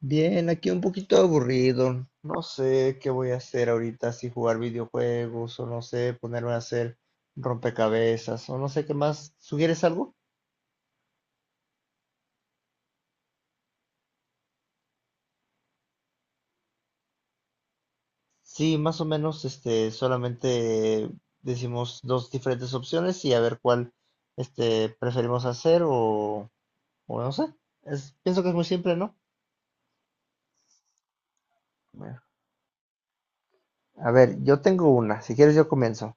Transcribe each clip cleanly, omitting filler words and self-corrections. Bien, aquí un poquito aburrido. No sé qué voy a hacer ahorita, si jugar videojuegos o no sé, ponerme a hacer rompecabezas o no sé qué más. ¿Sugieres algo? Sí, más o menos, solamente decimos dos diferentes opciones y a ver cuál, preferimos hacer o no sé. Pienso que es muy simple, ¿no? Bueno, a ver, yo tengo una. Si quieres, yo comienzo.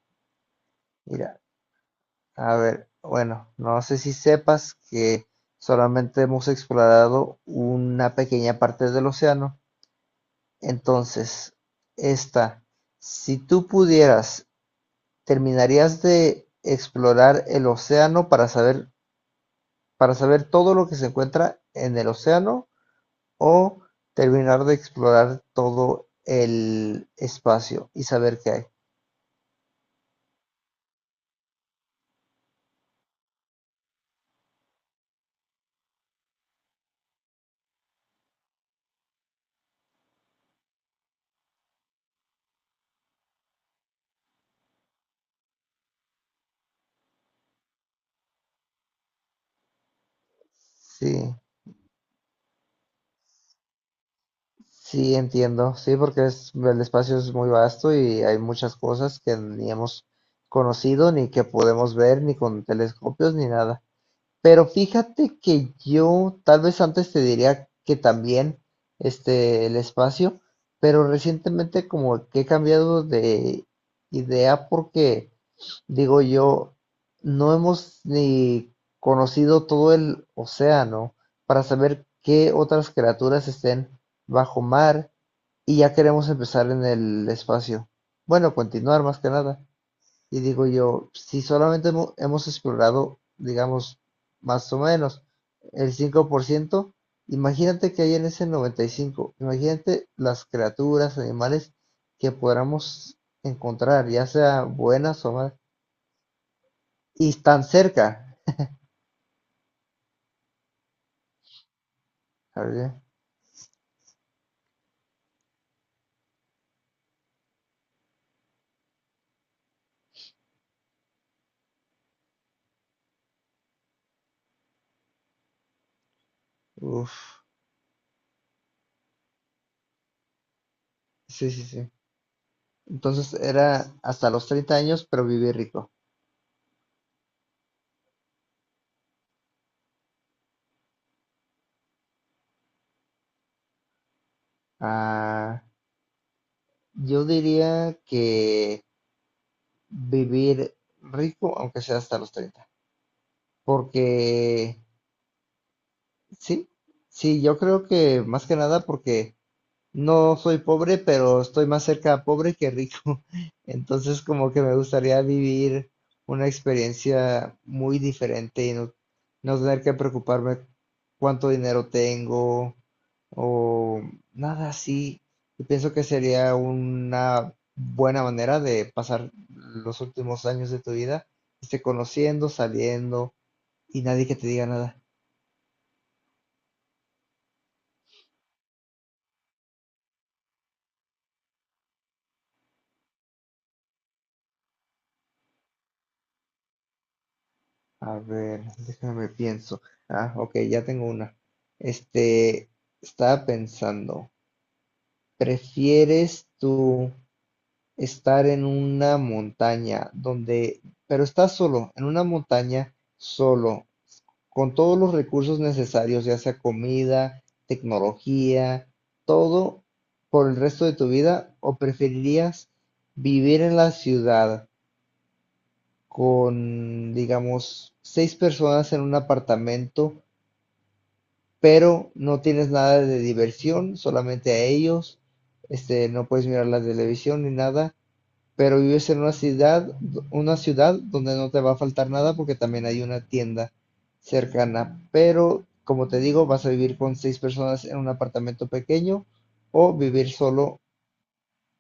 Mira, a ver, bueno, no sé si sepas que solamente hemos explorado una pequeña parte del océano. Entonces, esta, si tú pudieras, ¿terminarías de explorar el océano para saber todo lo que se encuentra en el océano o terminar de explorar todo el espacio y saber qué hay? Sí. Sí, entiendo. Sí, porque el espacio es muy vasto y hay muchas cosas que ni hemos conocido, ni que podemos ver, ni con telescopios, ni nada. Pero fíjate que yo tal vez antes te diría que también el espacio, pero recientemente como que he cambiado de idea porque, digo yo, no hemos ni conocido todo el océano para saber qué otras criaturas estén bajo mar y ya queremos empezar en el espacio. Bueno, continuar más que nada. Y digo yo, si solamente hemos explorado, digamos, más o menos el 5%, imagínate que hay en ese 95%, imagínate las criaturas, animales que podamos encontrar, ya sea buenas o malas. Y tan cerca. A ver, uf, sí, sí, sí. Entonces era hasta los 30 años, pero viví rico. Ah, yo diría que vivir rico, aunque sea hasta los 30. Porque, sí, sí, yo creo que más que nada porque no soy pobre, pero estoy más cerca de pobre que rico. Entonces, como que me gustaría vivir una experiencia muy diferente y no, no tener que preocuparme cuánto dinero tengo o nada así. Y pienso que sería una buena manera de pasar los últimos años de tu vida, conociendo, saliendo y nadie que te diga nada. A ver, déjame pienso. Ah, ok, ya tengo una. Este, Estaba pensando, ¿prefieres tú estar en una montaña donde, pero estás solo, en una montaña solo, con todos los recursos necesarios, ya sea comida, tecnología, todo por el resto de tu vida, o preferirías vivir en la ciudad con, digamos, seis personas en un apartamento? Pero no tienes nada de diversión, solamente a ellos, no puedes mirar la televisión ni nada, pero vives en una ciudad donde no te va a faltar nada porque también hay una tienda cercana, pero como te digo, vas a vivir con seis personas en un apartamento pequeño o vivir solo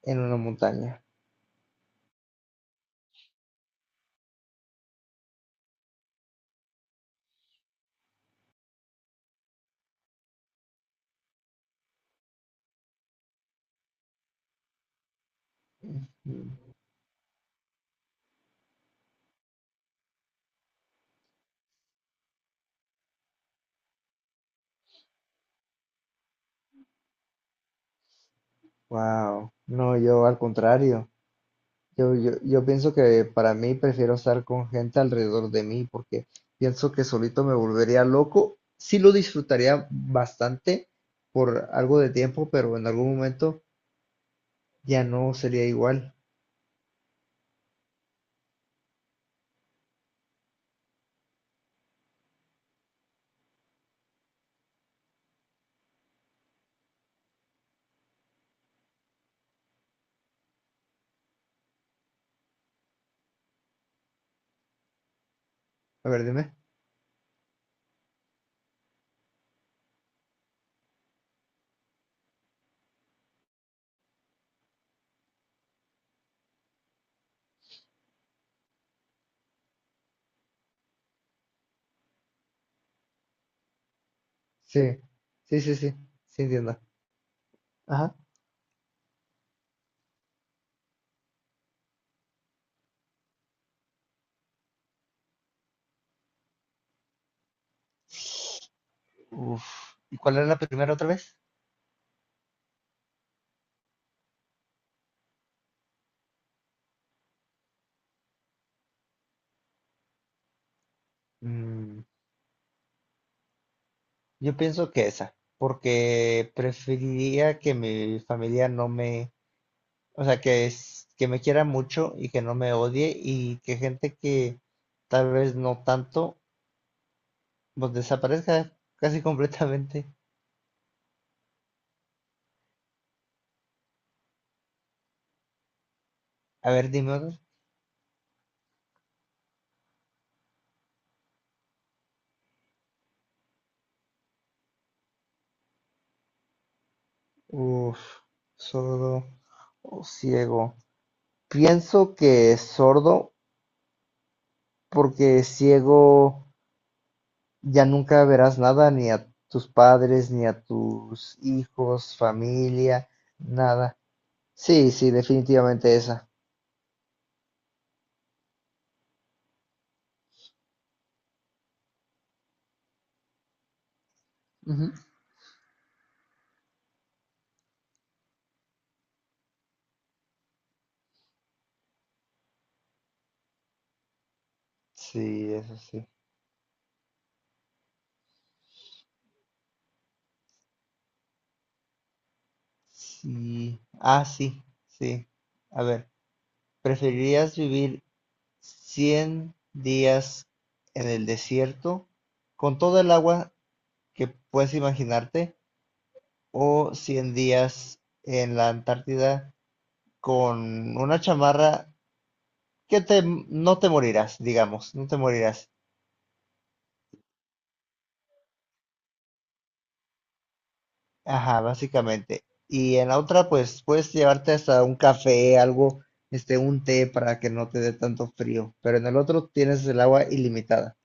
en una montaña. Wow, no, yo al contrario. Yo pienso que para mí prefiero estar con gente alrededor de mí porque pienso que solito me volvería loco. Sí lo disfrutaría bastante por algo de tiempo, pero en algún momento ya no sería igual. A ver, dime. Sí, sí, sí, sí, sí, entiendo. Ajá. Uf. ¿Y cuál era la primera otra vez? Mm, Yo pienso que esa, porque preferiría que mi familia no me. O sea, que que me quiera mucho y que no me odie, y que gente que tal vez no tanto, pues desaparezca casi completamente. A ver, dime otro. Uf, sordo o ciego. Pienso que sordo porque ciego ya nunca verás nada, ni a tus padres, ni a tus hijos, familia, nada. Sí, sí, definitivamente esa. Ujú. Sí, eso sí. Sí. Ah, sí, sí. A ver, ¿preferirías vivir 100 días en el desierto con todo el agua que puedes imaginarte o 100 días en la Antártida con una chamarra que no te morirás, digamos, no te morirás? Ajá, básicamente. Y en la otra, pues puedes llevarte hasta un café, algo, un té para que no te dé tanto frío, pero en el otro tienes el agua ilimitada.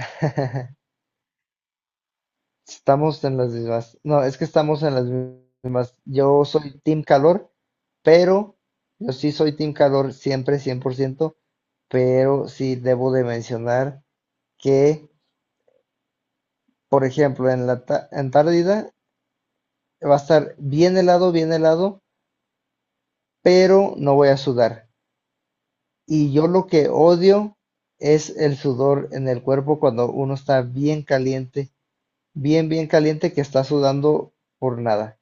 Estamos en las mismas. No, es que estamos en las mismas. Yo soy Team Calor, pero yo sí soy Team Calor siempre, 100%, pero sí debo de mencionar que, por ejemplo, en la Antártida va a estar bien helado, pero no voy a sudar. Y yo lo que odio es el sudor en el cuerpo cuando uno está bien caliente, bien, bien caliente que está sudando por nada.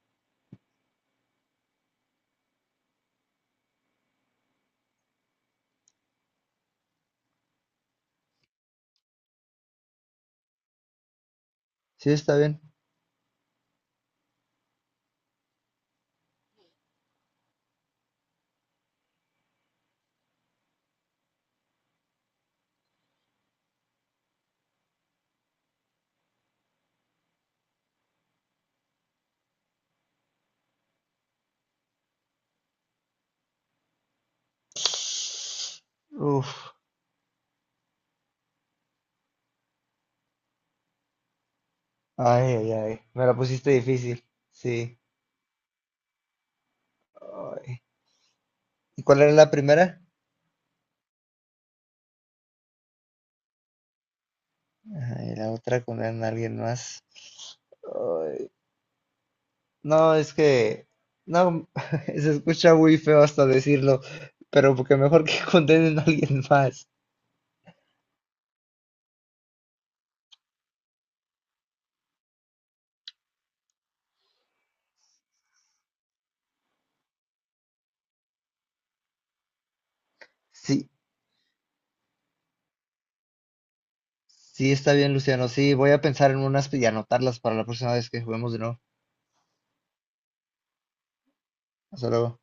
¿Sí está bien? Uf, ay, ay, ay, me la pusiste difícil, sí. Ay. ¿Y cuál era la primera? Ajá, y la otra con alguien más. Ay, no, es que, no, se escucha muy feo hasta decirlo, pero porque mejor que condenen a alguien más. Sí, sí, está bien, Luciano, sí, voy a pensar en unas y anotarlas para la próxima vez que juguemos de nuevo. Hasta luego.